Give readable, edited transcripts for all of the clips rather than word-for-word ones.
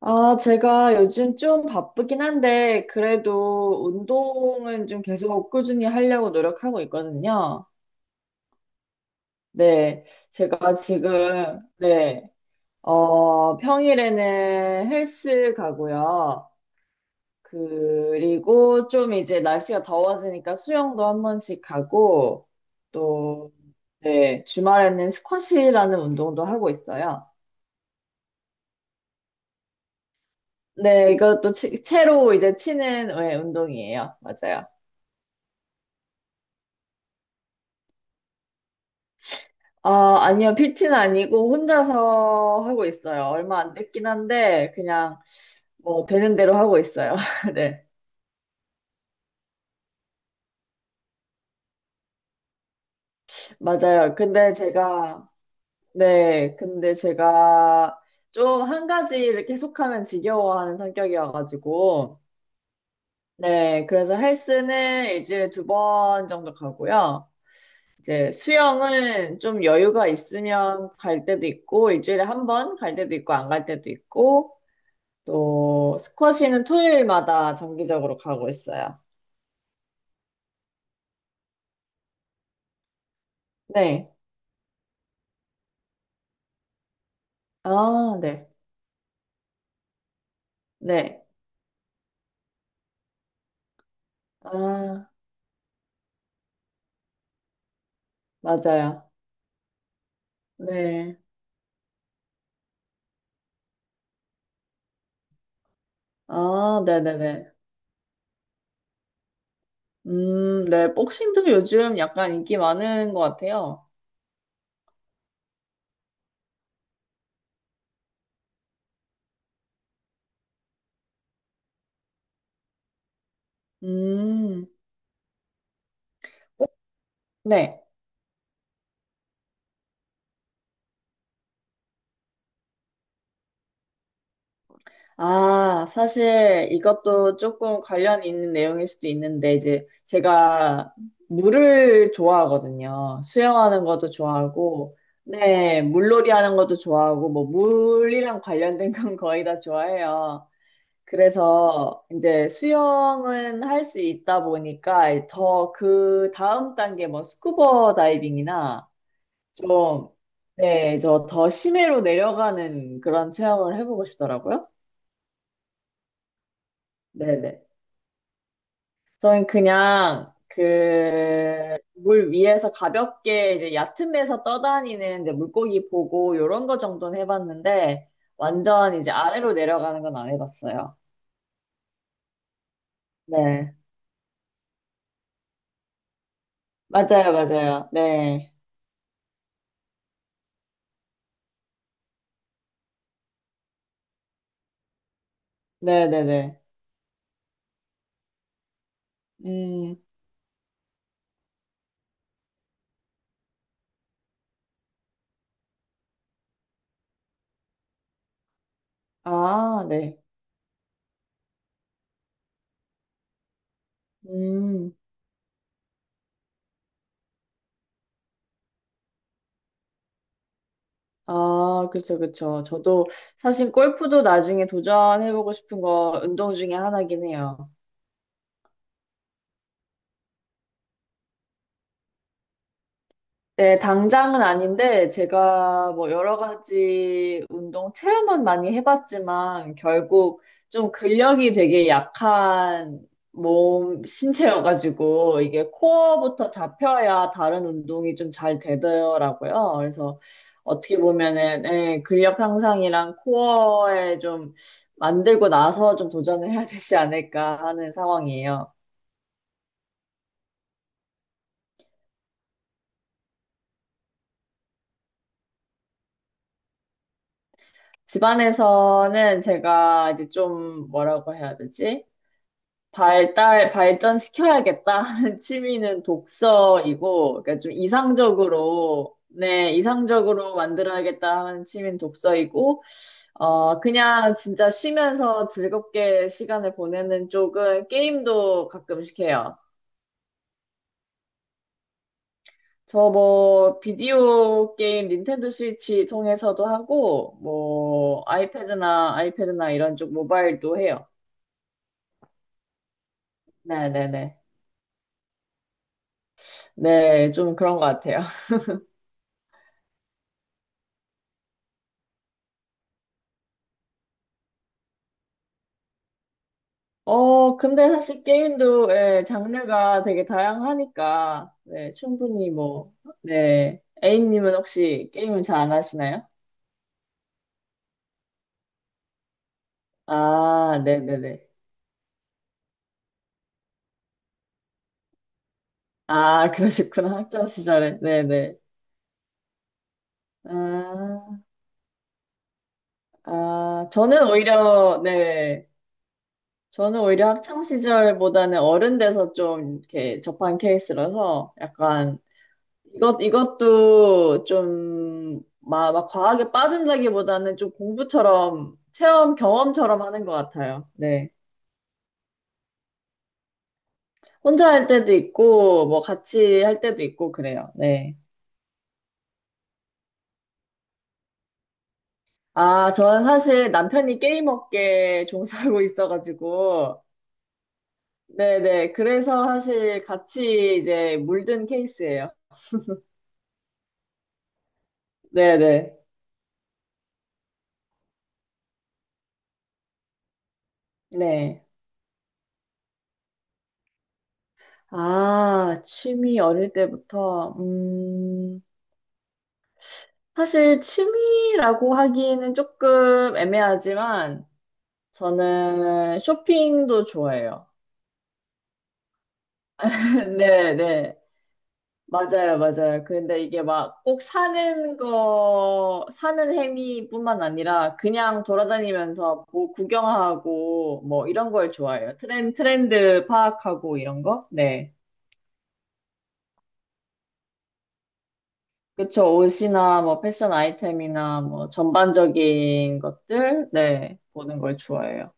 아, 제가 요즘 좀 바쁘긴 한데, 그래도 운동은 좀 계속 꾸준히 하려고 노력하고 있거든요. 네, 제가 지금, 네, 평일에는 헬스 가고요. 그리고 좀 이제 날씨가 더워지니까 수영도 한 번씩 가고, 또, 네, 주말에는 스쿼시라는 운동도 하고 있어요. 네, 이것도 채로 이제 치는 네, 운동이에요. 맞아요. 아, 아니요. PT는 아니고 혼자서 하고 있어요. 얼마 안 됐긴 한데 그냥 뭐 되는 대로 하고 있어요. 네. 맞아요. 근데 제가 네. 근데 제가 좀 한 가지를 계속하면 지겨워하는 성격이어 가지고 네. 그래서 헬스는 일주일에 두 번 정도 가고요. 이제 수영은 좀 여유가 있으면 갈 때도 있고 일주일에 한 번 갈 때도 있고 안 갈 때도 있고 또 스쿼시는 토요일마다 정기적으로 가고 있어요. 네. 아, 네. 네. 아, 맞아요. 네. 아, 네네네. 네. 복싱도 요즘 약간 인기 많은 것 같아요. 음, 네. 아, 사실 이것도 조금 관련이 있는 내용일 수도 있는데, 이제 제가 물을 좋아하거든요. 수영하는 것도 좋아하고, 네, 물놀이 하는 것도 좋아하고, 뭐, 물이랑 관련된 건 거의 다 좋아해요. 그래서 이제 수영은 할 수 있다 보니까 더 그 다음 단계 뭐 스쿠버 다이빙이나 좀, 네, 저 더 심해로 내려가는 그런 체험을 해보고 싶더라고요. 네네. 저는 그냥 그 물 위에서 가볍게 이제 얕은 데서 떠다니는 이제 물고기 보고 요런 거 정도는 해봤는데 완전 이제 아래로 내려가는 건 안 해봤어요. 네. 맞아요, 맞아요. 네. 네네네. 음, 아, 네. 음, 아, 그쵸, 그쵸. 저도 사실 골프도 나중에 도전해보고 싶은 거 운동 중에 하나긴 해요. 네, 당장은 아닌데, 제가 뭐 여러 가지 운동 체험은 많이 해봤지만, 결국 좀 근력이 되게 약한 몸, 신체여가지고, 이게 코어부터 잡혀야 다른 운동이 좀 잘 되더라고요. 그래서 어떻게 보면은, 예, 근력 향상이랑 코어에 좀 만들고 나서 좀 도전을 해야 되지 않을까 하는 상황이에요. 집안에서는 제가 이제 좀 뭐라고 해야 되지? 발달, 발전시켜야겠다 하는 취미는 독서이고, 그러니까 좀 이상적으로, 네, 이상적으로 만들어야겠다 하는 취미는 독서이고, 그냥 진짜 쉬면서 즐겁게 시간을 보내는 쪽은 게임도 가끔씩 해요. 저 뭐, 비디오 게임 닌텐도 스위치 통해서도 하고, 뭐, 아이패드나 이런 쪽 모바일도 해요. 네네네. 네, 네. 네, 좀 그런 것 같아요. 근데 사실 게임도, 예, 장르가 되게 다양하니까, 네, 충분히 뭐, 네. A님은 혹시 게임을 잘 안 하시나요? 아, 네네네. 아, 그러셨구나. 학창 시절에. 네네. 아, 저는 오히려, 네. 저는 오히려 학창 시절보다는 어른 돼서 좀 이렇게 접한 케이스라서 약간 이것도 좀, 막 과하게 빠진다기보다는 좀 공부처럼, 체험, 경험처럼 하는 것 같아요. 네. 혼자 할 때도 있고, 뭐, 같이 할 때도 있고, 그래요. 네. 아, 저는 사실 남편이 게임 업계에 종사하고 있어가지고, 네네. 그래서 사실 같이 이제 물든 케이스예요. 네네. 네. 네. 아, 취미 어릴 때부터, 사실 취미라고 하기에는 조금 애매하지만 저는 쇼핑도 좋아해요. 네, 네. 맞아요, 맞아요. 근데 이게 막 꼭 사는 거, 사는 행위뿐만 아니라 그냥 돌아다니면서 뭐 구경하고 뭐 이런 걸 좋아해요. 트렌드 파악하고 이런 거? 네. 그쵸. 옷이나 뭐 패션 아이템이나 뭐 전반적인 것들? 네. 보는 걸 좋아해요.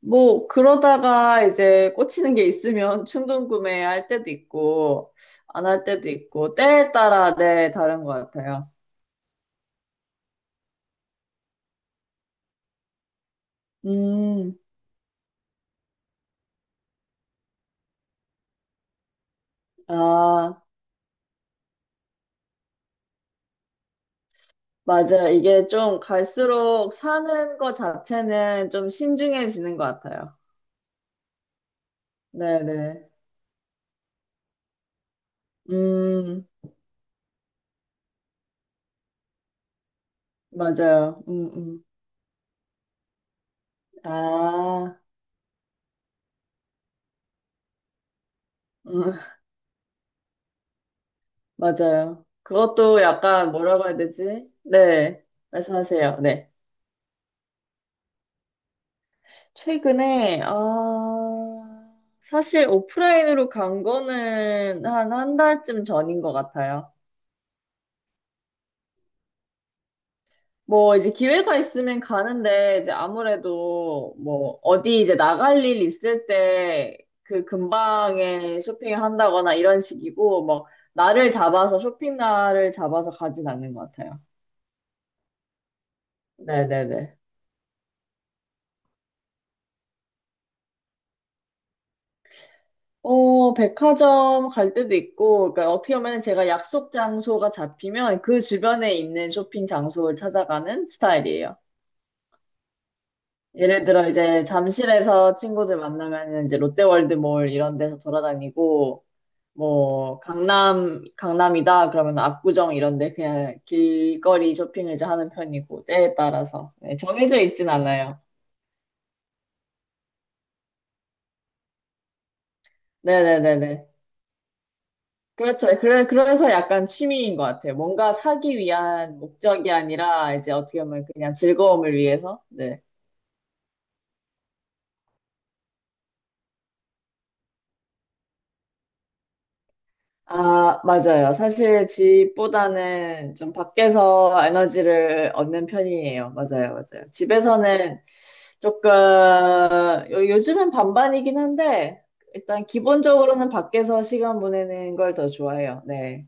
뭐, 그러다가 이제 꽂히는 게 있으면 충동 구매할 때도 있고, 안 할 때도 있고, 때에 따라 네, 다른 것 같아요. 음, 아, 맞아요. 이게 좀 갈수록 사는 것 자체는 좀 신중해지는 것 같아요. 네네. 음, 맞아요. 아, 음, 맞아요. 그것도 약간 뭐라고 해야 되지? 네, 말씀하세요. 네. 최근에, 아, 사실 오프라인으로 간 거는 한 한 달쯤 전인 것 같아요. 뭐, 이제 기회가 있으면 가는데, 이제 아무래도 뭐, 어디 이제 나갈 일 있을 때 그 근방에 쇼핑을 한다거나 이런 식이고, 뭐, 날을 잡아서, 쇼핑 날을 잡아서 가진 않는 것 같아요. 네네네. 백화점 갈 때도 있고, 그러니까 어떻게 보면 제가 약속 장소가 잡히면 그 주변에 있는 쇼핑 장소를 찾아가는 스타일이에요. 예를 들어 이제 잠실에서 친구들 만나면 이제 롯데월드몰 이런 데서 돌아다니고, 뭐 강남 강남이다 그러면 압구정 이런 데 그냥 길거리 쇼핑을 이제 하는 편이고 때에 따라서 네, 정해져 있진 않아요. 네네네네. 그렇죠. 그래, 그래서 약간 취미인 것 같아요. 뭔가 사기 위한 목적이 아니라 이제 어떻게 보면 그냥 즐거움을 위해서. 네. 아, 맞아요. 사실 집보다는 좀 밖에서 에너지를 얻는 편이에요. 맞아요, 맞아요. 집에서는 조금, 요즘은 반반이긴 한데, 일단 기본적으로는 밖에서 시간 보내는 걸 더 좋아해요. 네.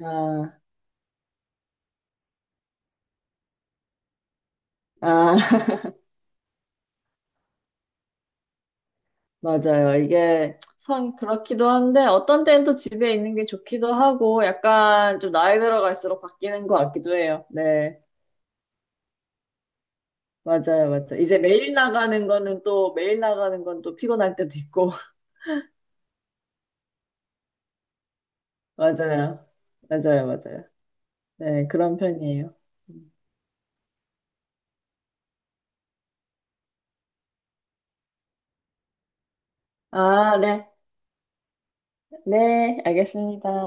아, 아. 맞아요. 이게 참 그렇기도 한데 어떤 때는 또 집에 있는 게 좋기도 하고 약간 좀 나이 들어갈수록 바뀌는 것 같기도 해요. 네. 맞아요. 맞아요. 이제 매일 나가는 거는 또 매일 나가는 건 또 피곤할 때도 있고. 맞아요. 맞아요. 맞아요. 네. 그런 편이에요. 음. 아, 네. 네. 알겠습니다.